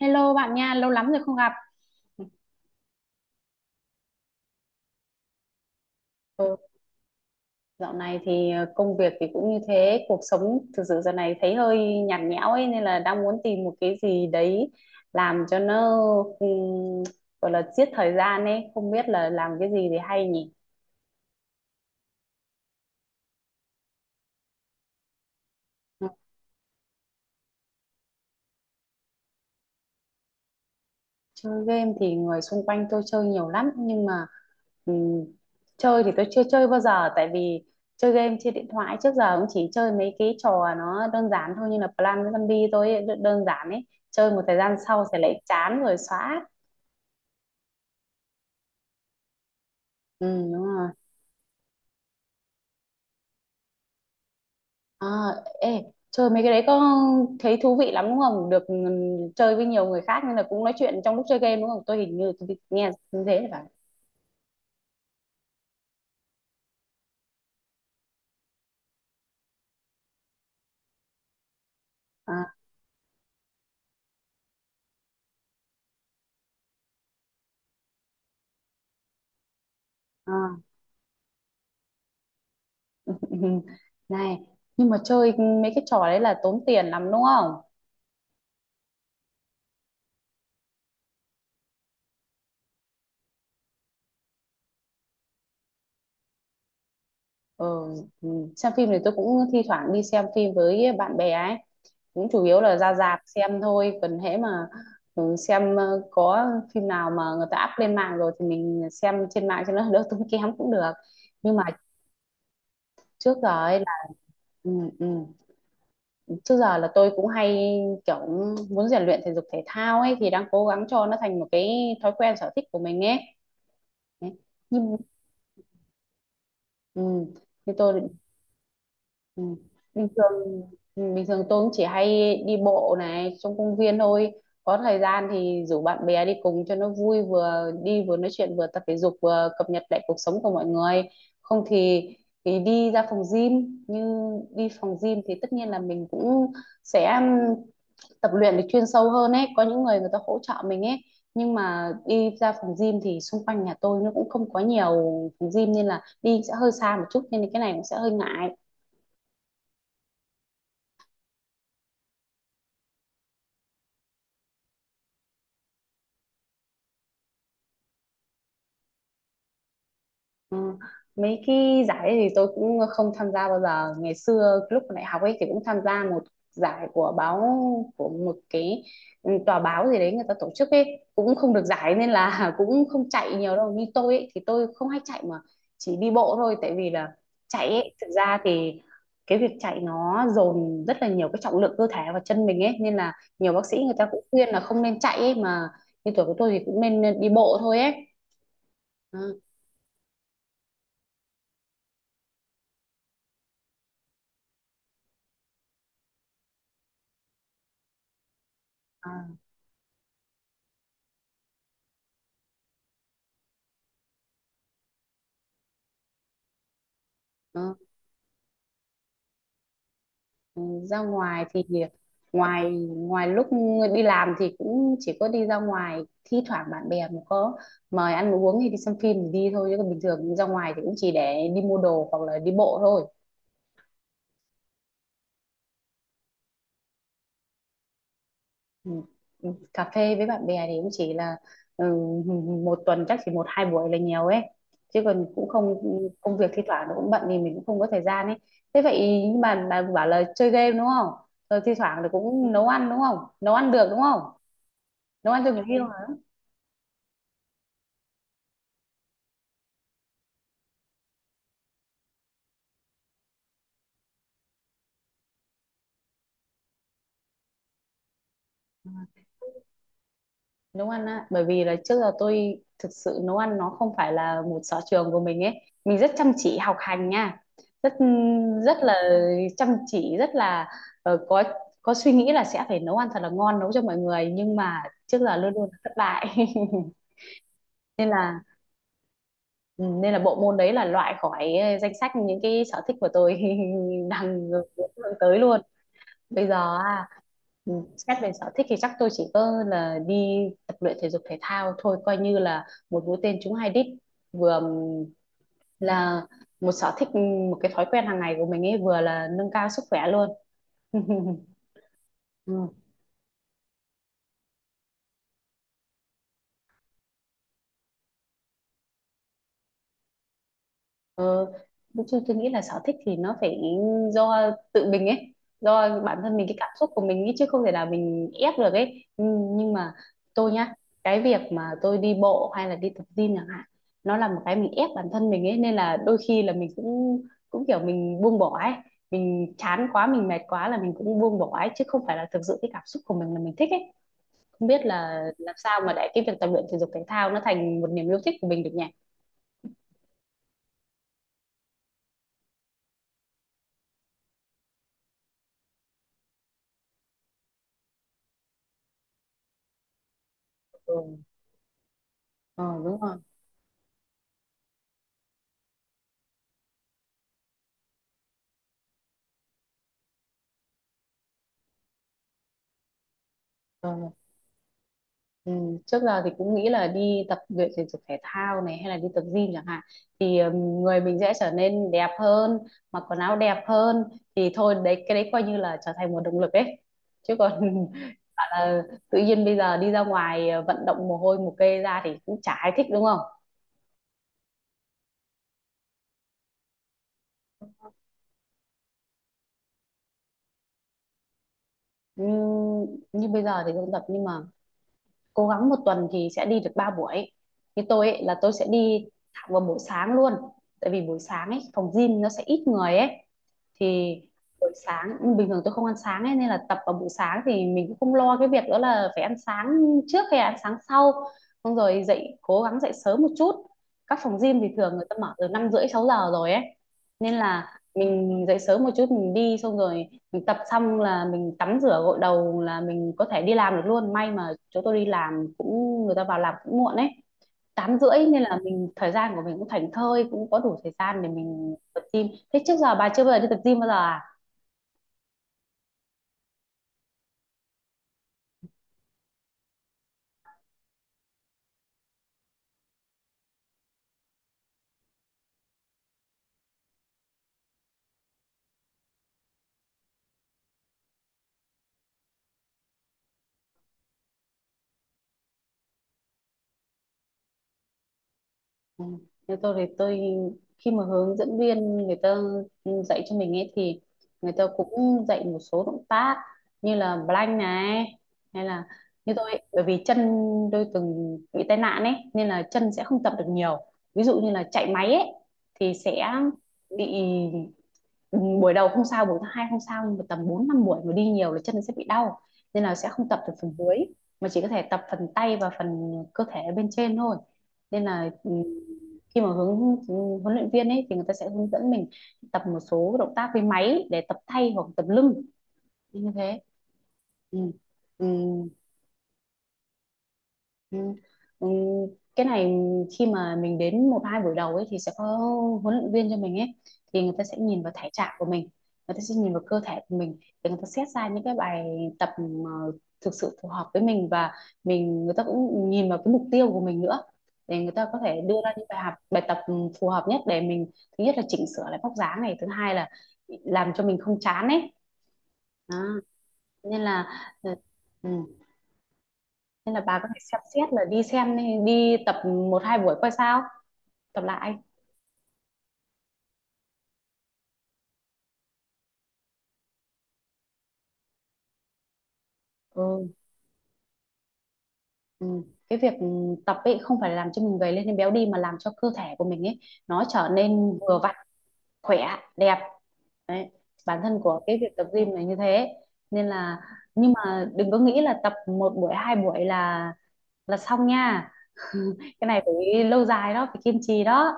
Hello bạn nha, lâu lắm rồi không gặp. Ừ, dạo này thì công việc thì cũng như thế, cuộc sống thực sự giờ này thấy hơi nhạt nhẽo ấy nên là đang muốn tìm một cái gì đấy làm cho nó ừm, gọi là giết thời gian ấy, không biết là làm cái gì thì hay nhỉ. Chơi game thì người xung quanh tôi chơi nhiều lắm nhưng mà ừm, chơi thì tôi chưa chơi bao giờ tại vì chơi game trên điện thoại trước giờ cũng chỉ chơi mấy cái trò nó đơn giản thôi như là Plan Zombie tôi ấy, đơn đơn giản ấy chơi một thời gian sau sẽ lại chán rồi xóa. Ừ, đúng rồi. À, ê chơi mấy cái đấy có thấy thú vị lắm đúng không, được chơi với nhiều người khác nên là cũng nói chuyện trong lúc chơi game đúng không, tôi hình như nghe như thế là phải. À, à. Ừ, này, nhưng mà chơi mấy cái trò đấy là tốn tiền lắm đúng không? Ừ, ừ, xem phim thì tôi cũng thi thoảng đi xem phim với bạn bè ấy. Cũng chủ yếu là ra rạp xem thôi. Còn hễ mà ừ, xem có phim nào mà người ta up lên mạng rồi thì mình xem trên mạng cho nó đỡ tốn kém cũng được. Nhưng mà trước giờ ấy là ừ, ừ, trước giờ là tôi cũng hay kiểu muốn rèn luyện thể dục thể thao ấy thì đang cố gắng cho nó thành một cái thói quen sở thích của mình ấy. Đấy. Ừ. Như tôi thì ừ. Bình thường bình thường tôi cũng chỉ hay đi bộ này trong công viên thôi, có thời gian thì rủ bạn bè đi cùng cho nó vui, vừa đi vừa nói chuyện vừa tập thể dục vừa cập nhật lại cuộc sống của mọi người, không thì đi ra phòng gym. Như đi phòng gym thì tất nhiên là mình cũng sẽ tập luyện được chuyên sâu hơn ấy, có những người người ta hỗ trợ mình ấy, nhưng mà đi ra phòng gym thì xung quanh nhà tôi nó cũng không có nhiều phòng gym nên là đi sẽ hơi xa một chút nên cái này cũng sẽ hơi ngại. Ờ, mấy cái giải ấy thì tôi cũng không tham gia bao giờ, ngày xưa lúc còn đại học ấy thì cũng tham gia một giải của báo, của một cái ừ, tòa báo gì đấy người ta tổ chức ấy, cũng không được giải nên là cũng không chạy nhiều đâu. Như tôi ấy thì tôi không hay chạy mà chỉ đi bộ thôi, tại vì là chạy ấy thực ra thì cái việc chạy nó dồn rất là nhiều cái trọng lượng cơ thể và chân mình ấy, nên là nhiều bác sĩ người ta cũng khuyên là không nên chạy ấy mà, như tuổi của tôi thì cũng nên đi bộ thôi ấy. Ừ. À, ừ. Ừ, ra ngoài thì ngoài ngoài lúc đi làm thì cũng chỉ có đi ra ngoài, thi thoảng bạn bè mà có mời ăn uống hay đi xem phim thì đi thôi, chứ còn bình thường ra ngoài thì cũng chỉ để đi mua đồ hoặc là đi bộ thôi. Ừ. Ừ, cà phê với bạn bè thì cũng chỉ là ừ, một tuần chắc chỉ một hai buổi là nhiều ấy, chứ còn cũng không, công việc thi thoảng nó cũng bận thì mình cũng không có thời gian ấy. Thế vậy nhưng mà bà bảo là chơi game đúng không, rồi thi thoảng là cũng nấu ăn đúng không, nấu ăn được đúng không, nấu ăn cho người yêu hả? Nấu ăn á, bởi vì là trước giờ tôi thực sự nấu ăn nó không phải là một sở trường của mình ấy, mình rất chăm chỉ học hành nha, rất rất là chăm chỉ, rất là ờ, có có suy nghĩ là sẽ phải nấu ăn thật là ngon, nấu cho mọi người, nhưng mà trước giờ luôn luôn thất bại, nên là ừ, nên là bộ môn đấy là loại khỏi danh sách những cái sở thích của tôi, đang hướng tới luôn. Bây giờ xét về sở thích thì chắc tôi chỉ có là đi tập luyện thể dục thể thao thôi, coi như là một mũi tên trúng hai đích. Vừa là một sở thích, một cái thói quen hàng ngày của mình ấy, vừa là nâng cao sức khỏe luôn. Ừ. Ờ, tôi nghĩ là sở thích thì nó phải do tự mình ấy, do bản thân mình, cái cảm xúc của mình ấy, chứ không thể là mình ép được ấy. Nhưng mà tôi nhá, cái việc mà tôi đi bộ hay là đi tập gym chẳng hạn, nó là một cái mình ép bản thân mình ấy, nên là đôi khi là mình cũng cũng kiểu mình buông bỏ ấy, mình chán quá, mình mệt quá là mình cũng buông bỏ ấy, chứ không phải là thực sự cái cảm xúc của mình là mình thích ấy. Không biết là làm sao mà để cái việc tập luyện thể dục thể thao nó thành một niềm yêu thích của mình được nhỉ? Ừ, ờ, đúng rồi. Ờ. Ừ, trước giờ thì cũng nghĩ là đi tập luyện thể dục thể thao này hay là đi tập gym chẳng hạn thì người mình sẽ trở nên đẹp hơn, mặc quần áo đẹp hơn, thì thôi đấy cái đấy coi như là trở thành một động lực ấy, chứ còn bảo là tự nhiên bây giờ đi ra ngoài vận động mồ hôi mồ kê ra thì cũng chả ai thích đúng không. Ừm, Như bây giờ thì không tập nhưng mà cố gắng một tuần thì sẽ đi được 3 buổi. Như tôi ấy, là tôi sẽ đi thẳng vào buổi sáng luôn, tại vì buổi sáng ấy phòng gym nó sẽ ít người ấy, thì buổi sáng bình thường tôi không ăn sáng ấy nên là tập vào buổi sáng thì mình cũng không lo cái việc đó là phải ăn sáng trước hay ăn sáng sau, xong rồi dậy cố gắng dậy sớm một chút, các phòng gym thì thường người ta mở từ năm rưỡi sáu giờ rồi ấy, nên là mình dậy sớm một chút mình đi, xong rồi mình tập xong là mình tắm rửa gội đầu là mình có thể đi làm được luôn, may mà chỗ tôi đi làm cũng người ta vào làm cũng muộn ấy, tám rưỡi, nên là mình thời gian của mình cũng thảnh thơi, cũng có đủ thời gian để mình tập gym. Thế trước giờ bà chưa bao giờ đi tập gym bao giờ à? Ừ. Thế tôi thì tôi khi mà hướng dẫn viên người ta dạy cho mình ấy thì người ta cũng dạy một số động tác như là plank này, hay là như tôi ấy, bởi vì chân tôi từng bị tai nạn ấy nên là chân sẽ không tập được nhiều, ví dụ như là chạy máy ấy thì sẽ bị. Ừ, buổi đầu không sao, buổi thứ hai không sao, nhưng mà tầm 4 5 buổi mà đi nhiều là chân sẽ bị đau, nên là sẽ không tập được phần dưới mà chỉ có thể tập phần tay và phần cơ thể bên trên thôi. Nên là khi mà huấn luyện viên ấy thì người ta sẽ hướng dẫn mình tập một số động tác với máy để tập tay hoặc tập lưng như thế. Ừ. Ừ. Ừ. Ừ. Cái này khi mà mình đến một hai buổi đầu ấy thì sẽ có huấn luyện viên cho mình ấy, thì người ta sẽ nhìn vào thể trạng của mình, người ta sẽ nhìn vào cơ thể của mình để người ta xét ra những cái bài tập mà thực sự phù hợp với mình, và mình người ta cũng nhìn vào cái mục tiêu của mình nữa để người ta có thể đưa ra những bài học bài tập phù hợp nhất để mình, thứ nhất là chỉnh sửa lại vóc dáng này, thứ hai là làm cho mình không chán ấy, đó. Nên là ờ, ừ nên là bà có thể xem xét là đi xem, đi tập một hai buổi coi sao, tập lại. Ừ, ừ. Cái việc tập ấy không phải là làm cho mình gầy lên hay béo đi mà làm cho cơ thể của mình ấy nó trở nên vừa vặn, khỏe, đẹp, đấy, bản thân của cái việc tập gym này như thế. Nên là nhưng mà đừng có nghĩ là tập một buổi hai buổi là xong nha, cái này phải lâu dài đó, phải kiên trì đó.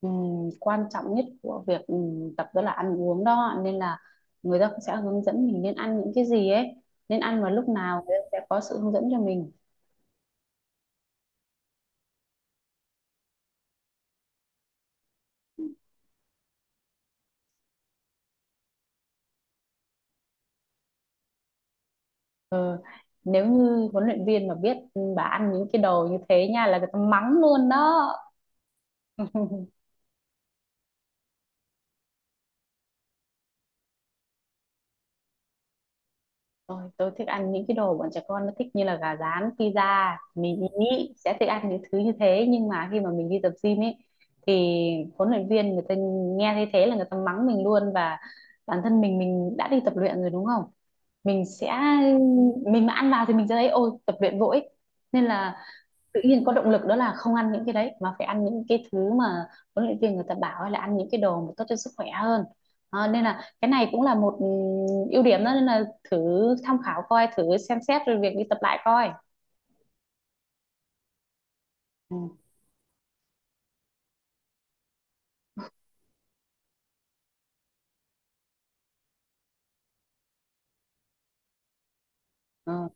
Quan trọng nhất của việc tập đó là ăn uống đó, nên là người ta cũng sẽ hướng dẫn mình nên ăn những cái gì ấy, nên ăn vào lúc nào, người ta sẽ có sự hướng dẫn cho mình. Ờ, nếu như huấn luyện viên mà biết bà ăn những cái đồ như thế nha là người ta mắng luôn đó. Ôi, tôi thích ăn những cái đồ bọn trẻ con nó thích, như là gà rán, pizza, mình nghĩ sẽ thích ăn những thứ như thế, nhưng mà khi mà mình đi tập gym ấy thì huấn luyện viên người ta nghe thấy thế là người ta mắng mình luôn, và bản thân mình đã đi tập luyện rồi đúng không? Mình sẽ, mình mà ăn vào thì mình sẽ thấy ôi tập luyện vội, nên là tự nhiên có động lực đó là không ăn những cái đấy mà phải ăn những cái thứ mà huấn luyện viên người ta bảo, hay là ăn những cái đồ mà tốt cho sức khỏe hơn. Ờ, nên là cái này cũng là một ưu điểm đó, nên là thử tham khảo coi, thử xem xét rồi việc đi tập lại coi. Ừ. ờ,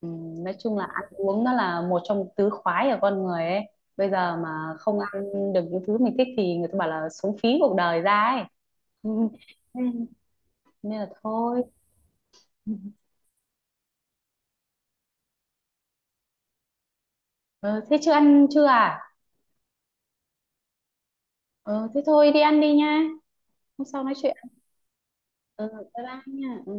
nói chung là ăn uống nó là một trong tứ khoái của con người ấy, bây giờ mà không ăn được những thứ mình thích thì người ta bảo là sống phí cuộc đời ra ấy. Ừ, nên nên là thôi. Ừ. Ờ, thế chưa ăn chưa à? Ờ, thế thôi đi ăn đi nha, hôm sau nói chuyện. Ừ, bye bye nha. Ừ.